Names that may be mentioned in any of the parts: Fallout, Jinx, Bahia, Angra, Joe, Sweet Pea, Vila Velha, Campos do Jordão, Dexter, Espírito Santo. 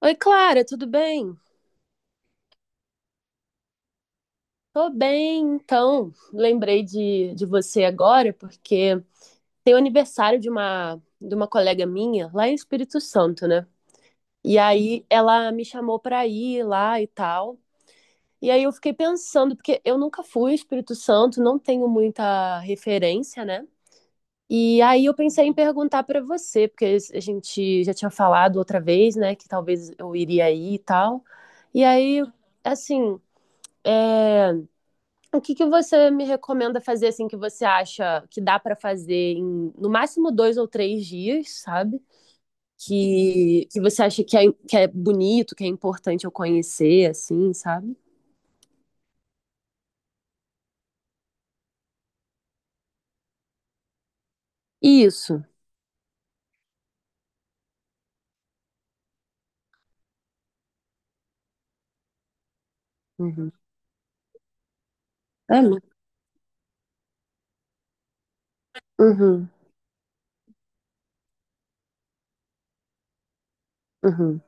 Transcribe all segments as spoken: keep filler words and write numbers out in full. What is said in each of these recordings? Oi, Clara, tudo bem? Tô bem, então. Lembrei de, de você agora porque tem o aniversário de uma de uma colega minha lá em Espírito Santo, né? E aí ela me chamou pra ir lá e tal. E aí eu fiquei pensando, porque eu nunca fui ao Espírito Santo, não tenho muita referência, né? E aí eu pensei em perguntar pra você, porque a gente já tinha falado outra vez, né, que talvez eu iria aí e tal. E aí, assim, é. O que que você me recomenda fazer, assim, que você acha que dá pra fazer em, no máximo, dois ou três dias, sabe? Que, que você acha que é, que é bonito, que é importante eu conhecer, assim, sabe? Isso. Uhum. É, mu- uhum, uhum,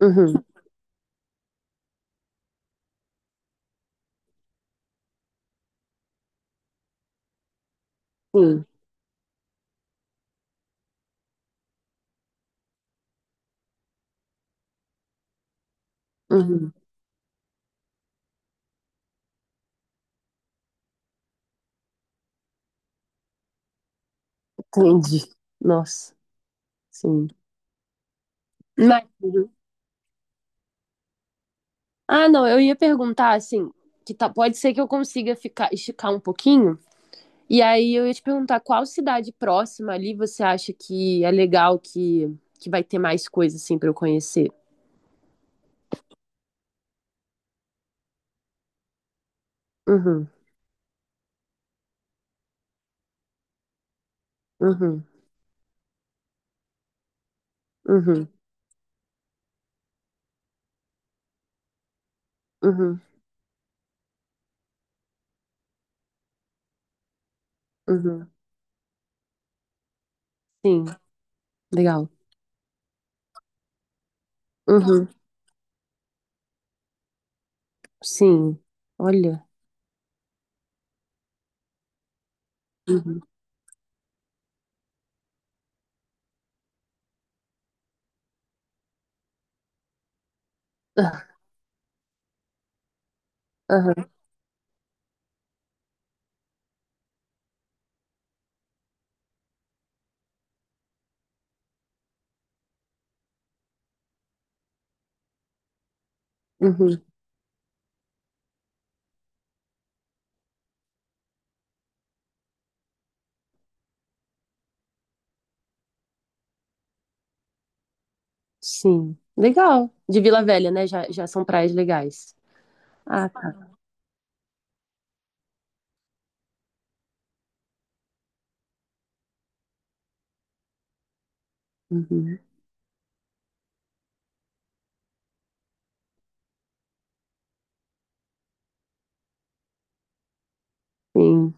uhum, sim, uhum. Entendi. Nossa, sim. Mas, uhum. Ah, não, eu ia perguntar, assim, que tá, pode ser que eu consiga ficar, esticar um pouquinho. E aí eu ia te perguntar qual cidade próxima ali você acha que é legal que, que vai ter mais coisa assim pra eu conhecer? Uhum, uhum, uhum, uhum, uhum. Sim, legal. Uhum, sim. Olha. Uhum. Ah, aham, uhum, sim. Legal. De Vila Velha, né? Já, já são praias legais. Ah, tá. Uhum, sim.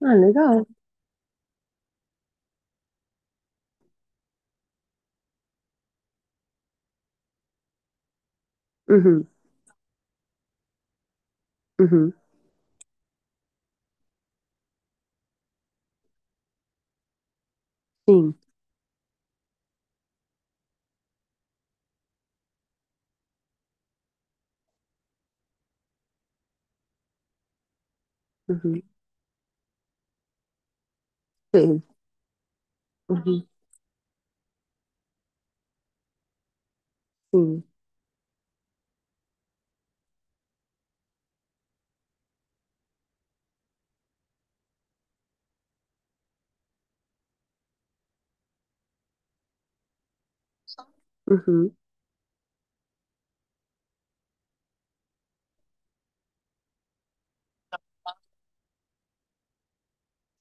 Ah, legal. Uhum, uhum, sim. Uhum, sim. Uhum, sim. Uhum,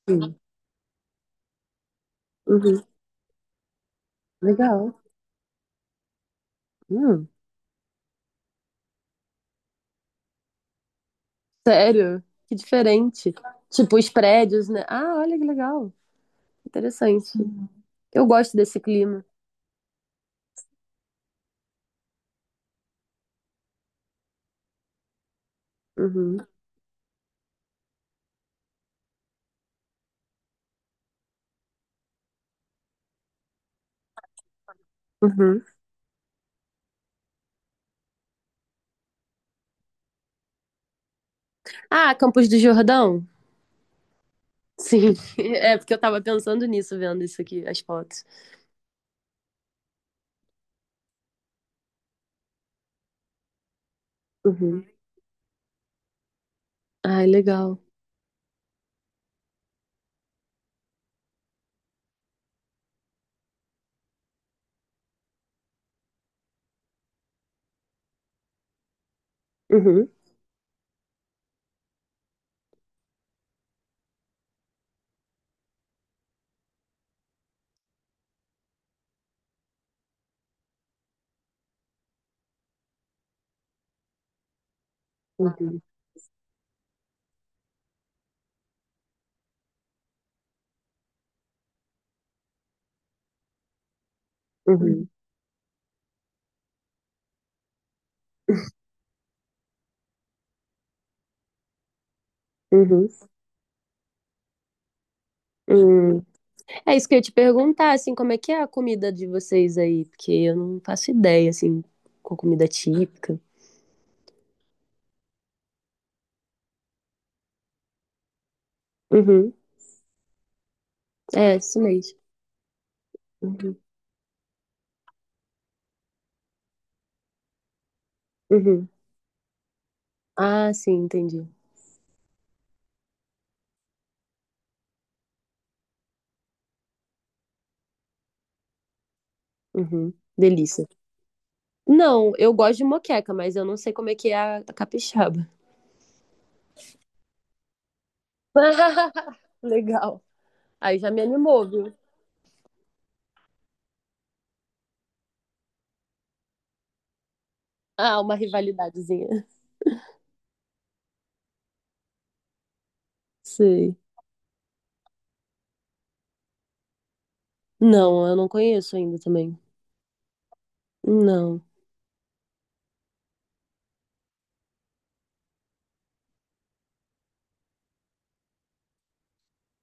sim. Uhum, legal. Hum. Sério? Que diferente. Tipo, os prédios, né? Ah, olha que legal. Interessante. Eu gosto desse clima. Uhum, uhum. Ah, Campos do Jordão? Sim. É, porque eu tava pensando nisso, vendo isso aqui, as fotos. Uhum. Ai, legal. Uhum, uhum, uhum, uhum. Hum. É isso que eu ia te perguntar, assim, como é que é a comida de vocês aí? Porque eu não faço ideia, assim, com comida típica. Uhum. É, isso mesmo. Uhum, uhum. Ah, sim, entendi. Uhum. Delícia. Não, eu gosto de moqueca, mas eu não sei como é que é a a capixaba. Legal. Aí já me animou, viu? Ah, uma rivalidadezinha. Sei. Não, eu não conheço ainda também. Não.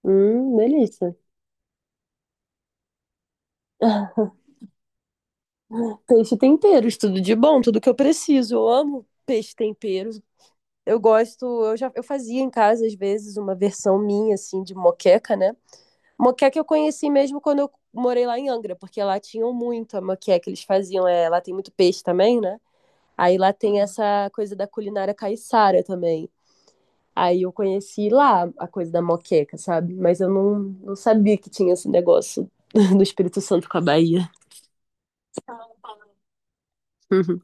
Hum, delícia. Peixe temperos, tudo de bom, tudo que eu preciso. Eu amo peixe tempero. Eu gosto, eu já eu fazia em casa às vezes uma versão minha assim de moqueca, né? Moqueca eu conheci mesmo quando eu morei lá em Angra, porque lá tinham muito a moqueca eles faziam. É, lá tem muito peixe também, né? Aí lá tem essa coisa da culinária caiçara também. Aí eu conheci lá a coisa da moqueca, sabe? Mas eu não, não sabia que tinha esse negócio do Espírito Santo com a Bahia. Uhum,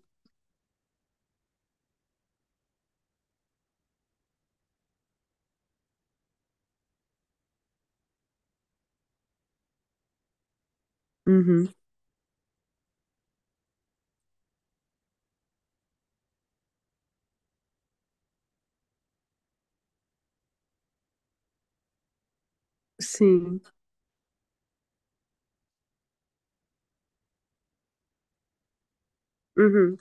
uhum, sim. Uhum.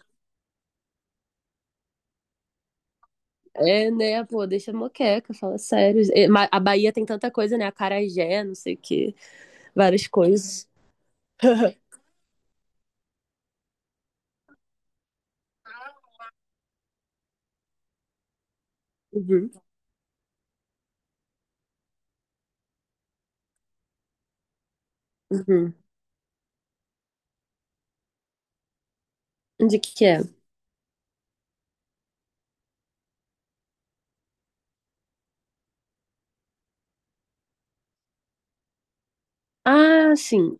É, né, pô, deixa a moqueca, fala sério. É, ma- A Bahia tem tanta coisa, né? Acarajé, não sei o quê, várias coisas. Uhum, uhum. De que que é? Ah, sim.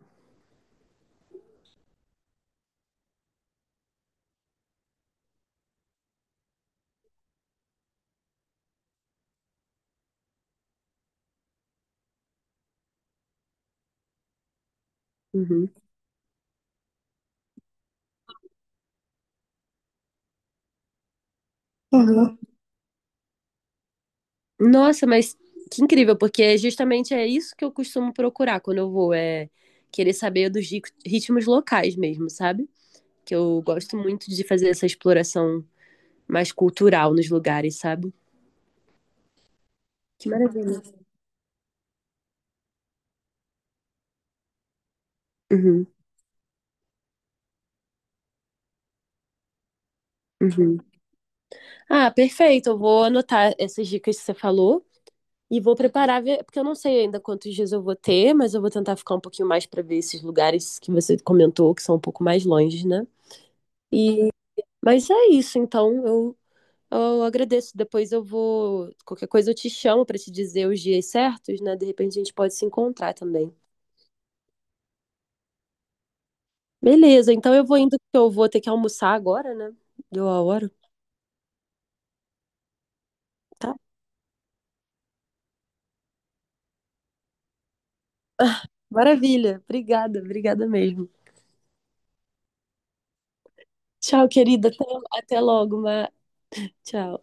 Uhum. Nossa, mas que incrível, porque é justamente é isso que eu costumo procurar quando eu vou, é querer saber dos ri- ritmos locais mesmo, sabe? Que eu gosto muito de fazer essa exploração mais cultural nos lugares, sabe? Que maravilha. Uhum, uhum. Ah, perfeito. Eu vou anotar essas dicas que você falou e vou preparar, ver- porque eu não sei ainda quantos dias eu vou ter, mas eu vou tentar ficar um pouquinho mais para ver esses lugares que você comentou, que são um pouco mais longe, né? Mas é isso, então eu, eu agradeço. Depois eu vou. Qualquer coisa eu te chamo para te dizer os dias certos, né? De repente a gente pode se encontrar também. Beleza, então eu vou indo, porque eu vou ter que almoçar agora, né? Deu a hora. Tá. Maravilha. Obrigada, obrigada mesmo. Tchau, querida. Até, até logo, Ma. Tchau.